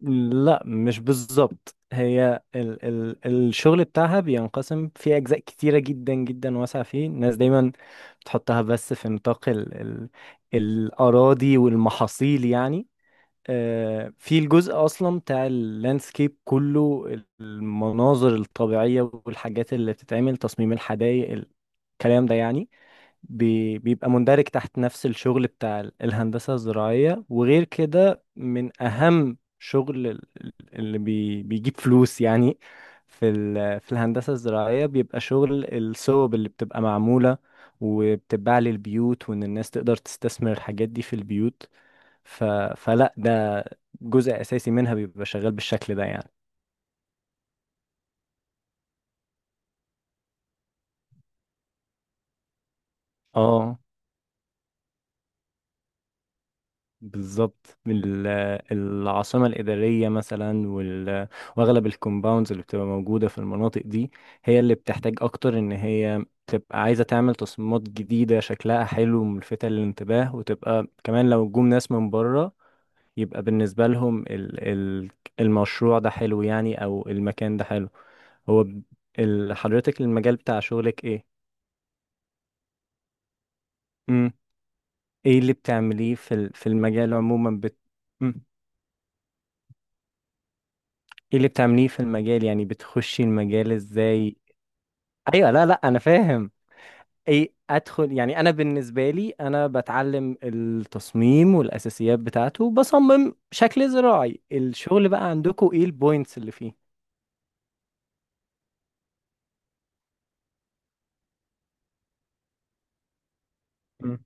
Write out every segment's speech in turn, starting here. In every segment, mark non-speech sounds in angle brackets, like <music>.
لا، مش بالظبط، هي ال الشغل بتاعها بينقسم في أجزاء كتيرة جدا جدا واسعة. فيه الناس دايما بتحطها بس في نطاق ال الأراضي والمحاصيل يعني. في الجزء أصلا بتاع اللاندسكيب كله، المناظر الطبيعية والحاجات اللي بتتعمل تصميم الحدائق، الكلام ده يعني بيبقى مندرج تحت نفس الشغل بتاع الهندسة الزراعية. وغير كده، من أهم شغل اللي بيجيب فلوس، يعني في الهندسة الزراعية بيبقى شغل الصوب اللي بتبقى معمولة وبتتباع للبيوت، وإن الناس تقدر تستثمر الحاجات دي في البيوت. ف... فلا ده جزء أساسي منها بيبقى شغال بالشكل ده يعني. اه، بالظبط، العاصمة الإدارية مثلا وأغلب الكومباوندز اللي بتبقى موجودة في المناطق دي هي اللي بتحتاج أكتر إن هي تبقى عايزة تعمل تصميمات جديدة شكلها حلو وملفتة للانتباه، وتبقى كمان لو جم ناس من بره، يبقى بالنسبة لهم المشروع ده حلو يعني، أو المكان ده حلو. هو ب- حضرتك المجال بتاع شغلك إيه؟ مم. إيه اللي بتعمليه في في المجال عموما؟ مم. ايه اللي بتعمليه في المجال، يعني بتخشي المجال ازاي؟ ايوه، لا، لا، انا فاهم. ايه ادخل يعني، انا بالنسبه لي انا بتعلم التصميم والاساسيات بتاعته، بصمم شكل زراعي. الشغل بقى عندكم، ايه البوينتس اللي فيه؟ مم.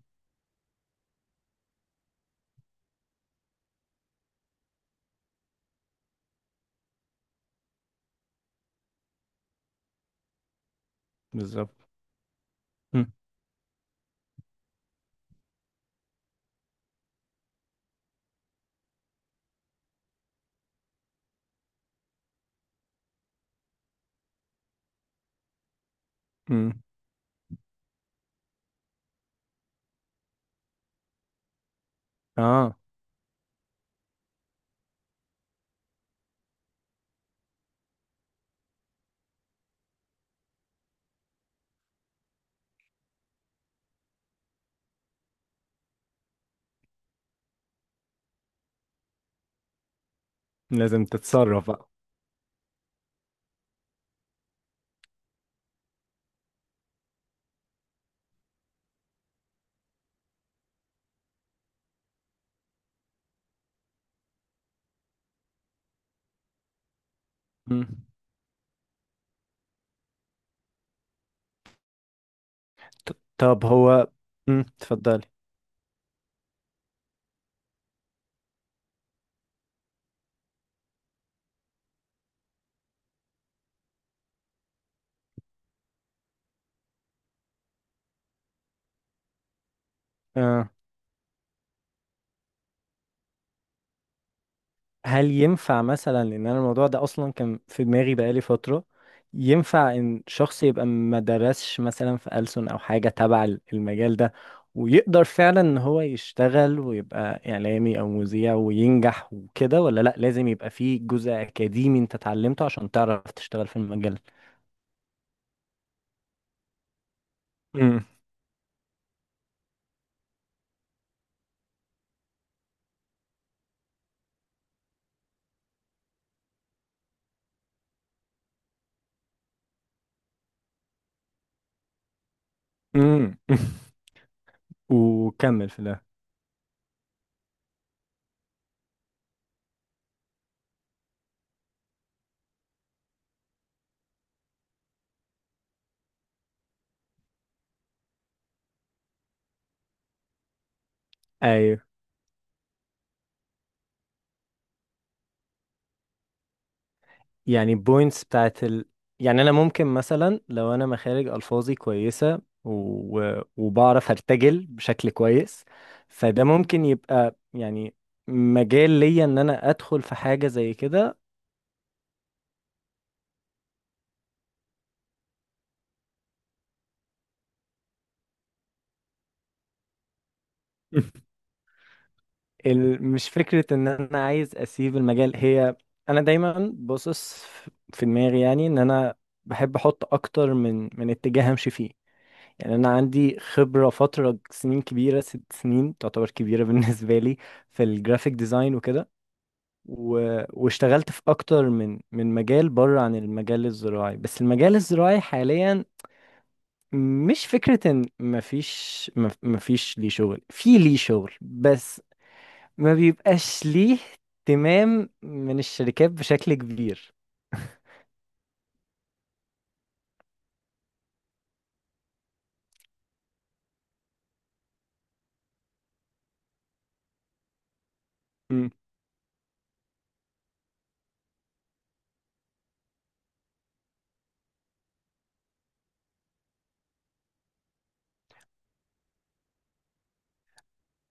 بالظبط. مم. مم. اه. لازم تتصرف بقى. مم. طب هو. مم. اتفضلي. آه. هل ينفع مثلا ان انا، الموضوع ده اصلا كان في دماغي بقالي فترة، ينفع ان شخص يبقى ما درسش مثلا في ألسن او حاجة تبع المجال ده، ويقدر فعلا ان هو يشتغل ويبقى اعلامي او مذيع وينجح وكده، ولا لا، لازم يبقى فيه جزء اكاديمي انت اتعلمته عشان تعرف تشتغل في المجال؟ امم امم <laughs> وكمل في ده. ايوه، يعني بوينتس بتاعت. يعني انا ممكن مثلا لو انا مخارج الفاظي كويسه وبعرف ارتجل بشكل كويس، فده ممكن يبقى يعني مجال ليا ان انا ادخل في حاجه زي كده. <laughs> مش فكره ان انا عايز اسيب المجال، هي انا دايما باصص في دماغي يعني، ان انا بحب احط اكتر من اتجاه امشي فيه. يعني أنا عندي خبرة فترة سنين كبيرة، 6 سنين تعتبر كبيرة <laughs> بالنسبة لي، في الجرافيك ديزاين وكده و... واشتغلت في أكتر من مجال بره عن المجال الزراعي. بس المجال الزراعي حاليا، مش فكرة إن مفيش مفيش ليه شغل، في ليه شغل بس ما بيبقاش ليه اهتمام من الشركات بشكل كبير. م-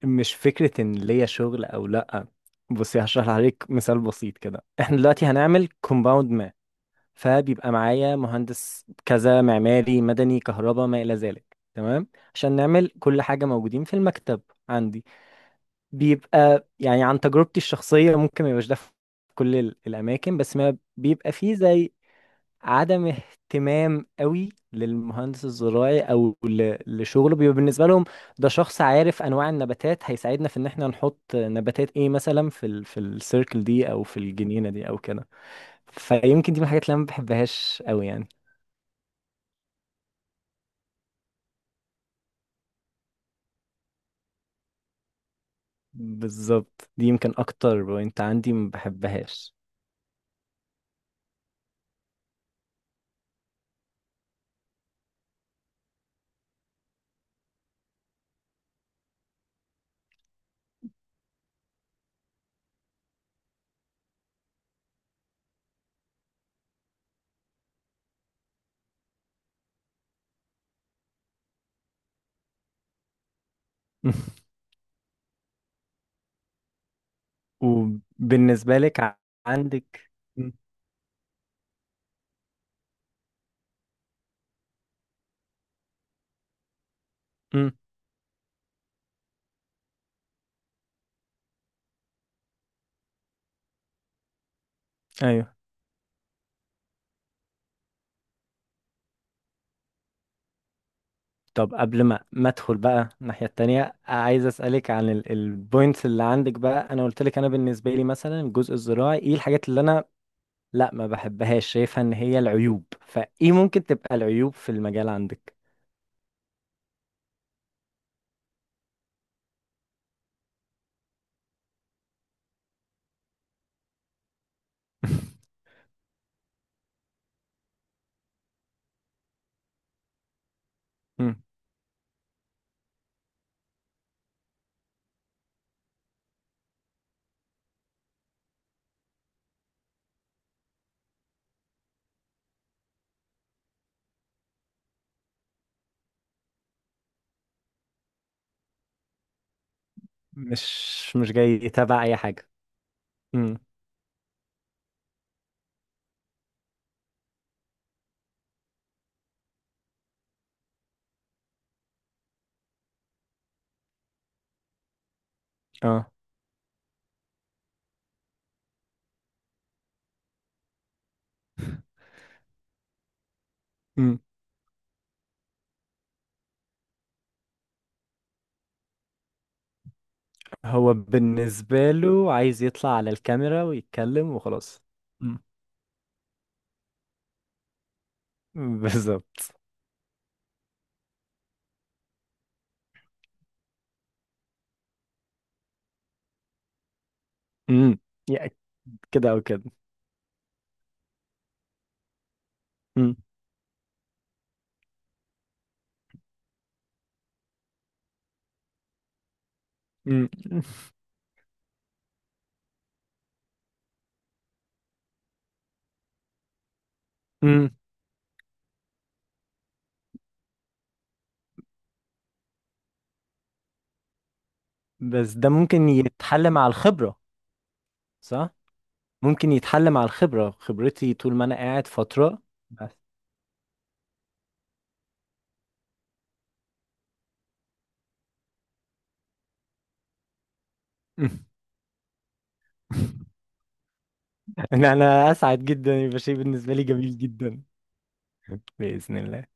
مش فكرة إن ليا شغل أو لأ. بصي، هشرح لحضرتك مثال بسيط كده، احنا دلوقتي هنعمل كومباوند، فبيبقى معايا مهندس كذا، معماري، مدني، كهرباء، ما إلى ذلك، تمام؟ عشان نعمل كل حاجة موجودين في المكتب عندي. بيبقى يعني عن تجربتي الشخصية، ممكن ما يبقاش ده في كل الأماكن، بس ما بيبقى فيه زي عدم اهتمام قوي للمهندس الزراعي أو لشغله. بيبقى بالنسبة لهم ده شخص عارف أنواع النباتات، هيساعدنا في إن إحنا نحط نباتات إيه مثلا في السيركل دي أو في الجنينة دي أو كده. فيمكن دي من الحاجات اللي أنا ما بحبهاش قوي يعني. بالظبط، دي يمكن اكتر بوينت عندي ما بحبهاش. <laughs> وبالنسبة لك عندك. مم. مم. ايوه. طب قبل ما ادخل بقى الناحية التانية، عايز اسألك عن البوينتس اللي عندك بقى. انا قلت لك، انا بالنسبة لي مثلا الجزء الزراعي ايه الحاجات اللي انا لا ما بحبهاش، شايفها ان هي العيوب، فايه ممكن تبقى العيوب في المجال عندك؟ <laughs> مم. مش جاي تبع اي حاجة. مم. اه، هو بالنسبة له عايز يطلع على الكاميرا ويتكلم وخلاص. مم. <laughs> بالظبط. امم يعني كده او كده. امم امم امم بس ده ممكن يتحل مع الخبرة. صح، ممكن يتحل مع الخبرة، خبرتي طول ما انا قاعد فترة بس. <laughs> ان انا اسعد جدا يبقى شيء بالنسبة لي جميل جدا. بإذن الله.